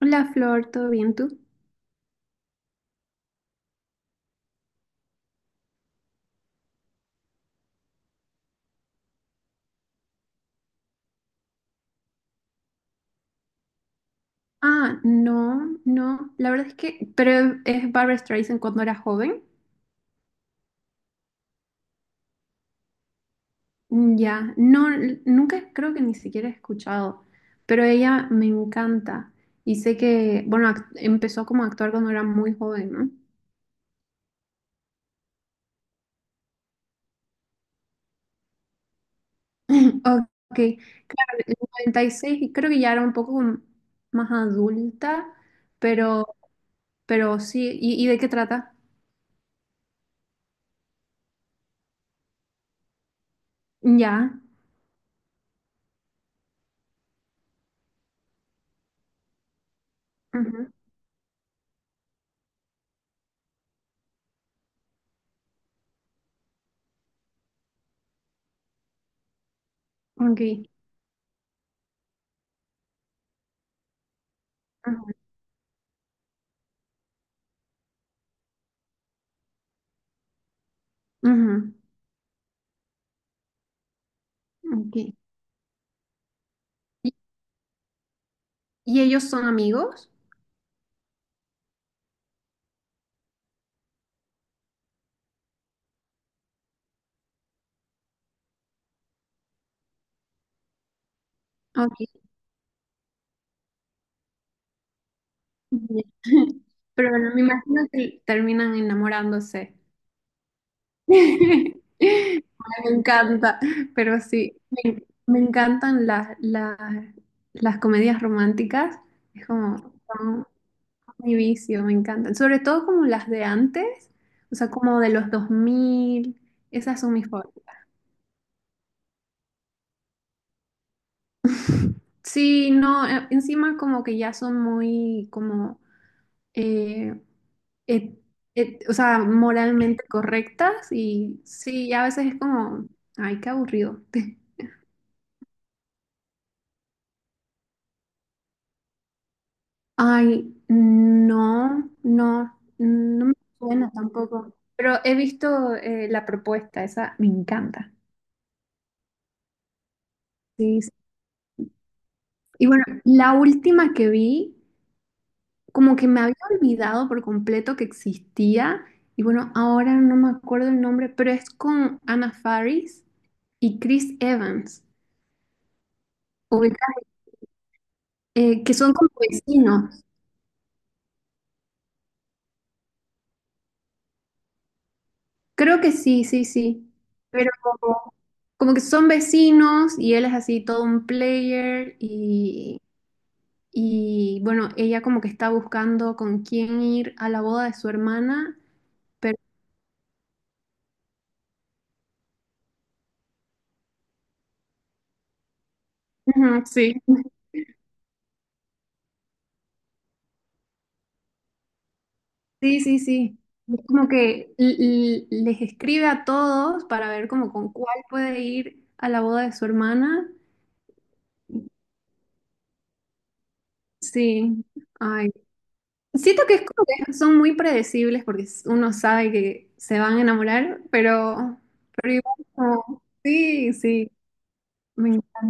Hola Flor, ¿todo bien tú? Ah, no, no, la verdad es que, pero es Barbra Streisand cuando era joven. Ya, no, nunca creo que ni siquiera he escuchado, pero ella me encanta y sé que, bueno, empezó como a actuar cuando era muy joven, ¿no? Ok, claro, en el 96 y creo que ya era un poco como más adulta, pero, pero sí, ¿y de qué trata? Ya, ujú, ok, ujú, ujú, ok. ¿Y ellos son amigos? Ok. Ya. Pero bueno, me imagino que terminan enamorándose. Ay, me encanta, pero sí, me encantan las comedias románticas. Es como son mi vicio, me encantan. Sobre todo como las de antes, o sea, como de los 2000. Esas son mis favoritas. Sí, no, encima como que ya son muy como... eh, et- o sea, moralmente correctas y sí, a veces es como, ay, qué aburrido. Ay, no, no, no me suena tampoco, pero he visto la propuesta, esa me encanta. Sí, sí. Y bueno, la última que vi, como que me había olvidado por completo que existía, y bueno, ahora no me acuerdo el nombre, pero es con Anna Faris y Chris Evans, ubica- que son como vecinos. Creo que sí, sí, sí. Pero como, como que son vecinos y él es así todo un player y bueno, ella como que está buscando con quién ir a la boda de su hermana, pero... Ujú, sí. Sí, sí, sí. Es como que les escribe a todos para ver como con cuál puede ir a la boda de su hermana. Sí. Ay, siento que es como que son muy predecibles porque uno sabe que se van a enamorar, pero igual sí, sí. me enc-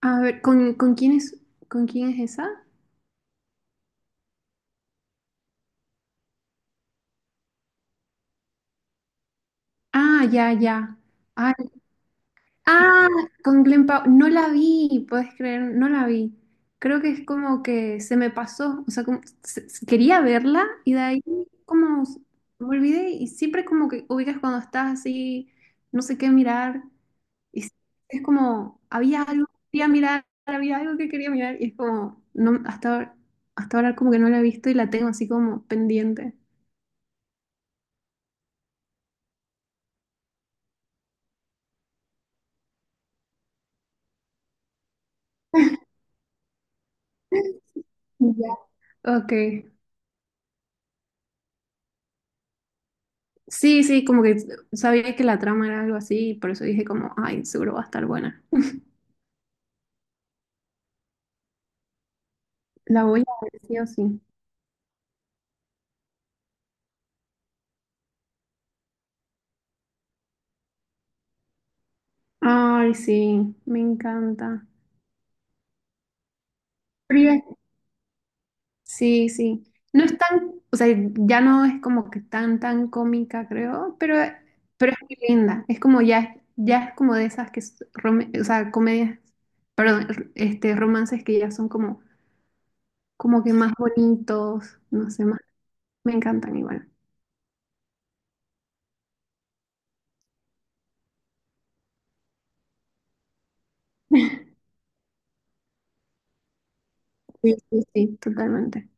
A ver, ¿con quién es, con quién es esa? Ah, ya, ya. Ay, ah, con Glenn Powell. No la vi, puedes creer, no la vi. Creo que es como que se me pasó, o sea, quería verla y de ahí como s- me olvidé y siempre como que ubicas cuando estás así, no sé qué mirar y es como, había algo que quería mirar, había algo que quería mirar y es como, no, hasta ahora como que no la he visto y la tengo así como pendiente. Ya. Ok, sí, sí, como que sabía que la trama era algo así y por eso dije como, ay, seguro va a estar buena. La voy a ver sí o sí. Ay, sí, me encanta. Pero ya- Sí, sí. No es tan, o sea, ya no es como que tan, tan cómica, creo, pero es muy linda. Es como ya, ya es como de esas que, es o sea, comedias, perdón, este, romances que ya son como, que más bonitos, no sé, más. Me encantan igual. Sí, sí, sí, totalmente.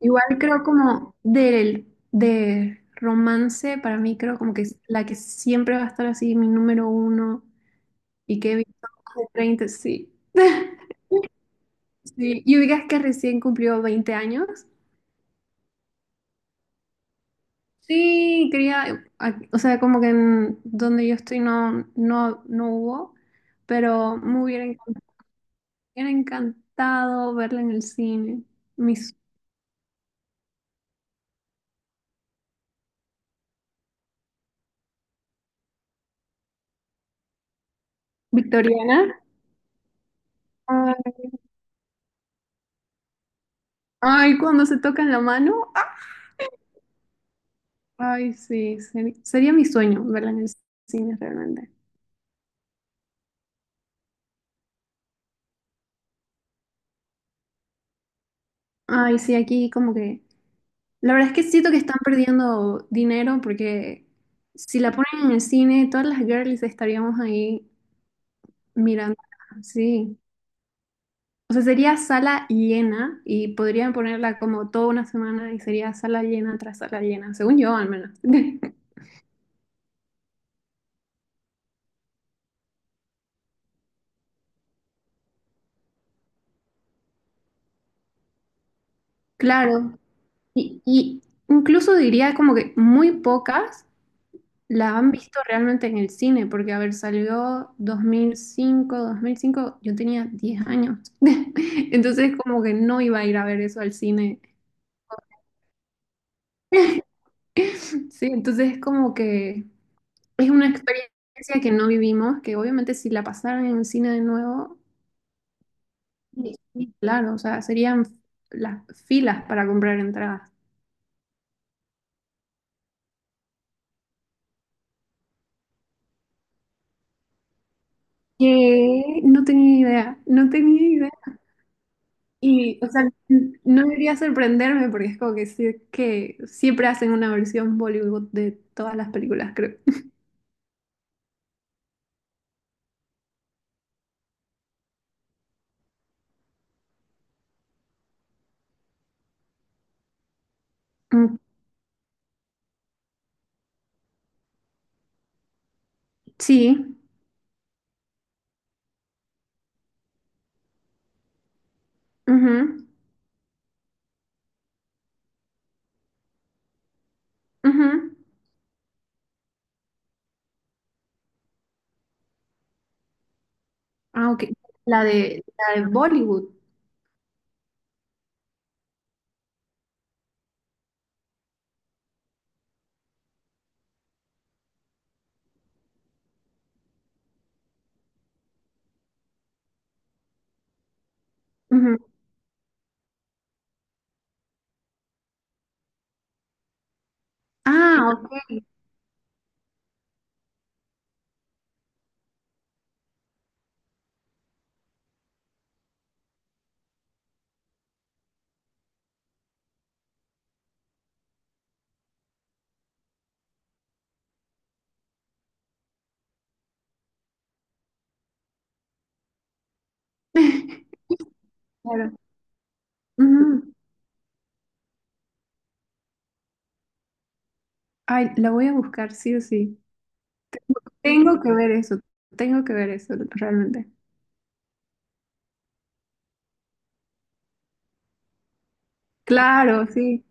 Igual creo de romance, para mí creo como que es la que siempre va a estar así, mi número uno, y que he visto más de 30, sí. Sí, y ubicas que recién cumplió 20 años. Sí, quería, o sea, como que en donde yo estoy no, no, no hubo, pero me hubiera encantado verla en el cine. Mis Victoriana. Ay, ay, cuando se tocan la mano. Ay, sí, sería mi sueño verla en el cine realmente. Ay, sí, aquí como que... La verdad es que siento que están perdiendo dinero porque si la ponen en el cine, todas las girlies estaríamos ahí mirando. Sí. O sea, sería sala llena y podrían ponerla como toda una semana y sería sala llena tras sala llena, según yo al menos. Claro. Y incluso diría como que muy pocas. La han visto realmente en el cine, porque, a ver, salió 2005, 2005, yo tenía 10 años. Entonces, como que no iba a ir a ver eso al cine. Sí, entonces es como que es una experiencia que no vivimos, que obviamente si la pasaran en el cine de nuevo, y claro, o sea, serían las filas para comprar entradas. Que no tenía idea, no tenía. Y, o sea, no debería sorprenderme porque es como que, que siempre hacen una versión Bollywood de todas las películas, creo. Mm, sí. Ujú, ujú. Ah, ok. La de, la de Bollywood. Ujú. Ah, ok. Claro. Ujú. Ay, la voy a buscar, sí o sí. Tengo que ver eso, tengo que ver eso, realmente. Claro, sí.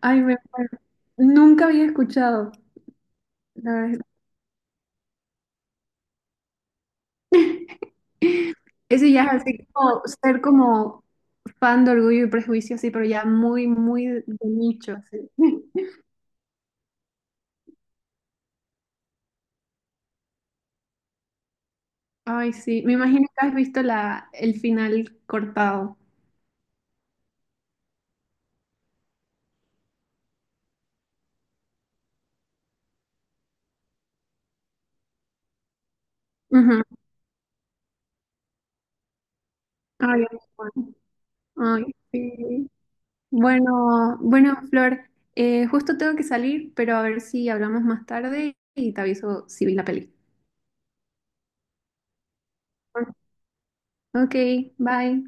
Ay, me... muero. Nunca había escuchado, la verdad. Ese ya es así como ser como fan de Orgullo y Prejuicio, sí, pero ya muy, muy de nicho, así. Ay, sí, me imagino que has visto la, el final cortado. Ujú. Ay, bueno. Ay, sí. Bueno, bueno, Flor, justo tengo que salir, pero a ver si hablamos más tarde y te aviso si vi la peli. Ok, bye.